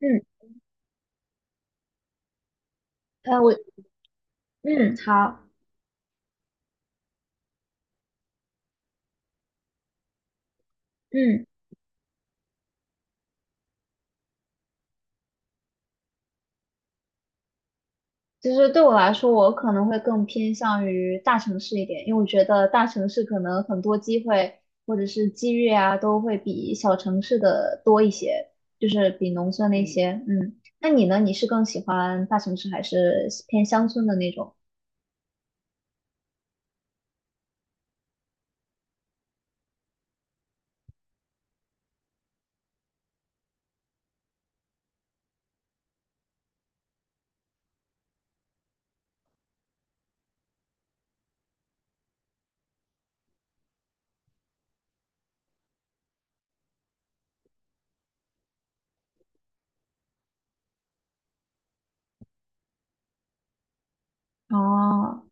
嗯，我嗯好，嗯，其实对我来说，我可能会更偏向于大城市一点，因为我觉得大城市可能很多机会或者是机遇啊，都会比小城市的多一些，就是比农村那些。那你呢？你是更喜欢大城市还是偏乡村的那种？哦，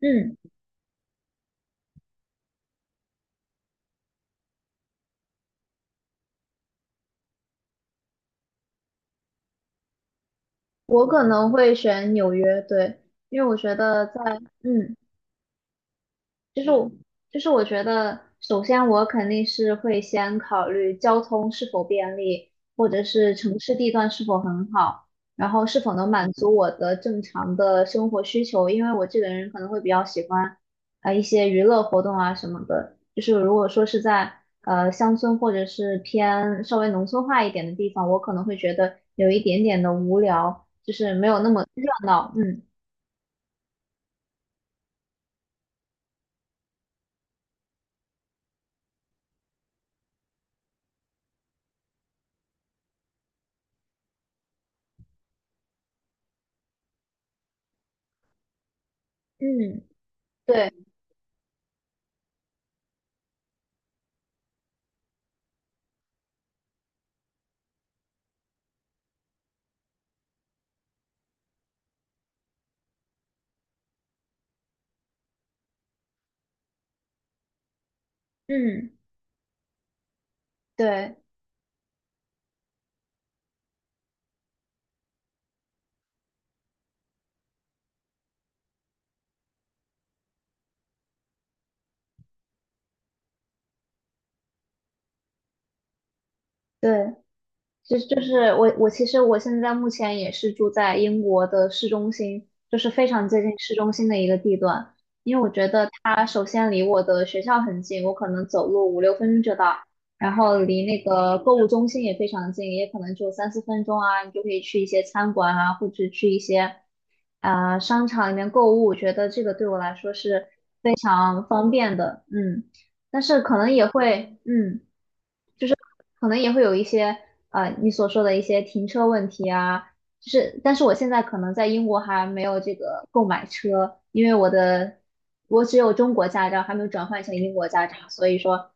嗯，我可能会选纽约，对，因为我觉得在嗯。就是我，就是我觉得，首先我肯定是会先考虑交通是否便利，或者是城市地段是否很好，然后是否能满足我的正常的生活需求。因为我这个人可能会比较喜欢，一些娱乐活动啊什么的。就是如果说是在乡村或者是偏稍微农村化一点的地方，我可能会觉得有一点点的无聊，就是没有那么热闹。嗯嗯，对，嗯对对。就是我其实我现在目前也是住在英国的市中心，就是非常接近市中心的一个地段。因为我觉得它首先离我的学校很近，我可能走路5、6分钟就到，然后离那个购物中心也非常近，也可能就3、4分钟啊，你就可以去一些餐馆啊，或者去一些商场里面购物。我觉得这个对我来说是非常方便的，嗯，但是可能也会。可能也会有一些你所说的一些停车问题啊，就是但是我现在可能在英国还没有这个购买车，因为我只有中国驾照，还没有转换成英国驾照，所以说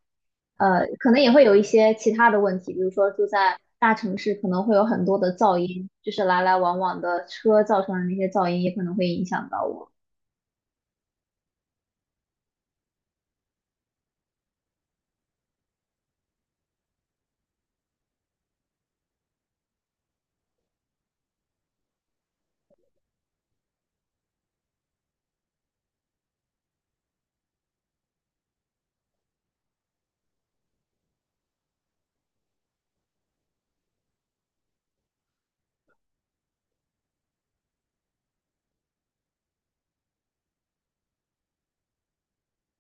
可能也会有一些其他的问题，比如说住在大城市可能会有很多的噪音，就是来来往往的车造成的那些噪音也可能会影响到我。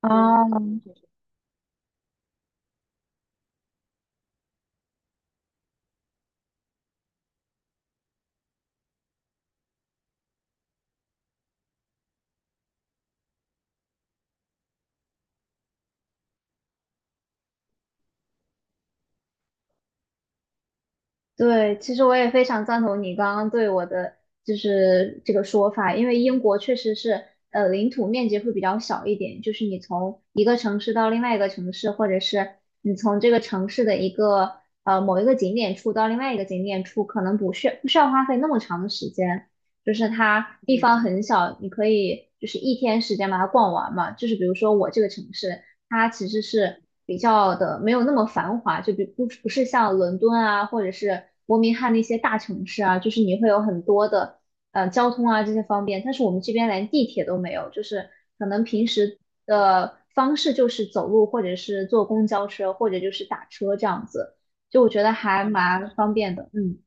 哦，对，其实我也非常赞同你刚刚对我的就是这个说法，因为英国确实是领土面积会比较小一点，就是你从一个城市到另外一个城市，或者是你从这个城市的一个某一个景点处到另外一个景点处，可能不需要花费那么长的时间，就是它地方很小，你可以就是一天时间把它逛完嘛，就是比如说我这个城市。它其实是比较的没有那么繁华，就比不是像伦敦啊，或者是伯明翰那些大城市啊，就是你会有很多的交通啊这些方便，但是我们这边连地铁都没有，就是可能平时的方式就是走路，或者是坐公交车，或者就是打车这样子，就我觉得还蛮方便的，嗯。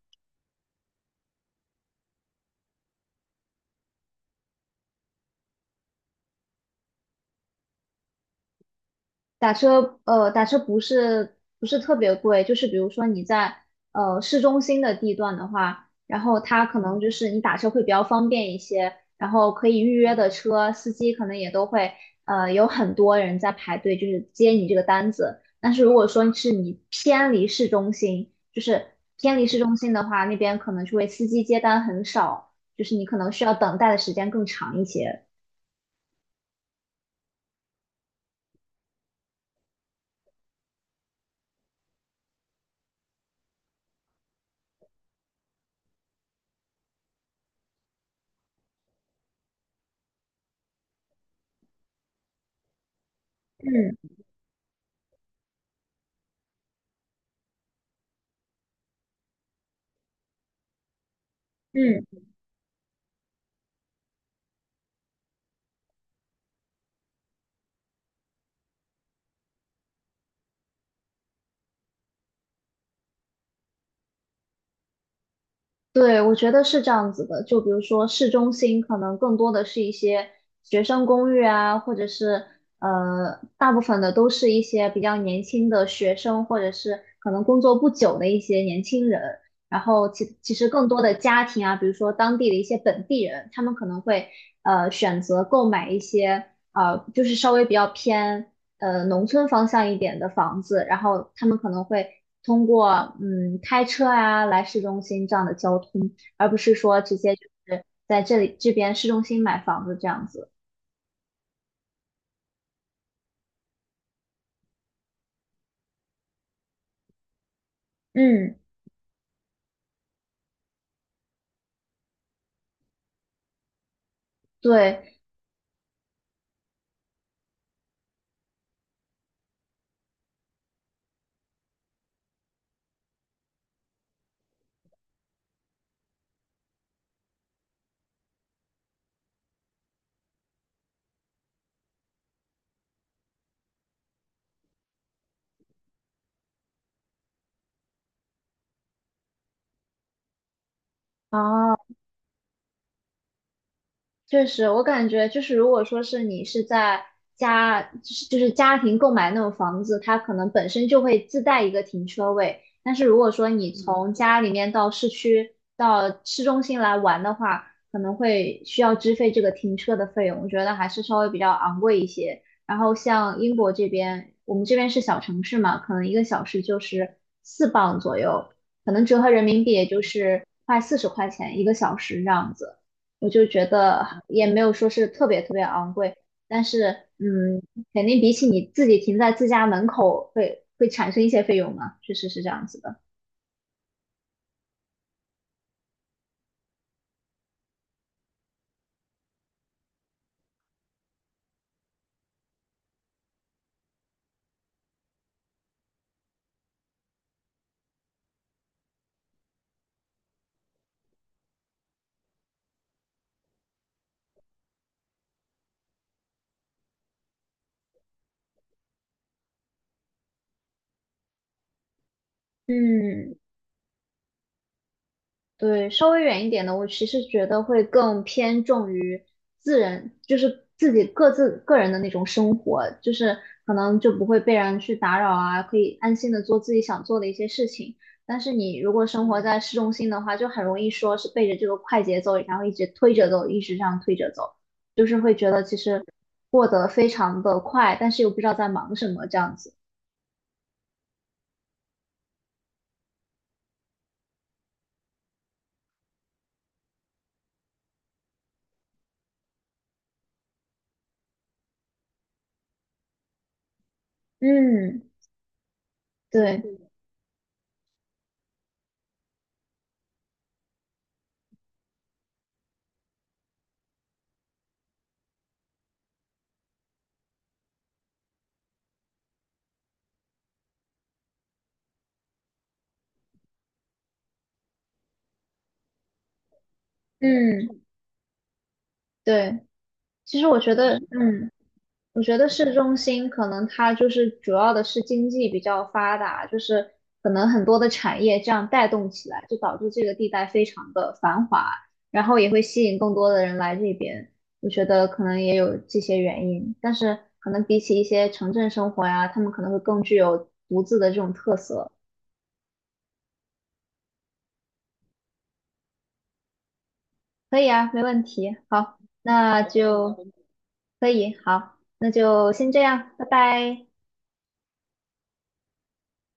打车，打车不是特别贵，就是比如说你在市中心的地段的话，然后它可能就是你打车会比较方便一些，然后可以预约的车，司机可能也都会有很多人在排队，就是接你这个单子。但是如果说是你偏离市中心，就是偏离市中心的话，那边可能就会司机接单很少，就是你可能需要等待的时间更长一些。嗯嗯。对，我觉得是这样子的。就比如说市中心，可能更多的是一些学生公寓啊，或者是大部分的都是一些比较年轻的学生，或者是可能工作不久的一些年轻人。然后其实更多的家庭啊，比如说当地的一些本地人，他们可能会选择购买一些就是稍微比较偏农村方向一点的房子，然后他们可能会通过开车啊来市中心这样的交通，而不是说直接就是在这里这边市中心买房子这样子。嗯，对，啊。确实，我感觉就是，如果说是你是在家，就是家庭购买那种房子，它可能本身就会自带一个停车位。但是如果说你从家里面到市区、到市中心来玩的话，可能会需要支费这个停车的费用，我觉得还是稍微比较昂贵一些。然后像英国这边，我们这边是小城市嘛，可能一个小时就是4磅左右，可能折合人民币也就是快40块钱一个小时这样子。我就觉得也没有说是特别特别昂贵，但是嗯，肯定比起你自己停在自家门口会产生一些费用嘛，确实是这样子的。嗯，对，稍微远一点的，我其实觉得会更偏重于自然，就是自己各自个人的那种生活，就是可能就不会被人去打扰啊，可以安心的做自己想做的一些事情。但是你如果生活在市中心的话，就很容易说是背着这个快节奏，然后一直推着走，一直这样推着走，就是会觉得其实过得非常的快，但是又不知道在忙什么这样子。嗯，对，嗯，对，其实我觉得，嗯。我觉得市中心可能它就是主要的是经济比较发达，就是可能很多的产业这样带动起来，就导致这个地带非常的繁华，然后也会吸引更多的人来这边。我觉得可能也有这些原因，但是可能比起一些城镇生活呀，他们可能会更具有独自的这种特色。可以啊，没问题。好，那就可以，好，那就先这样，拜拜。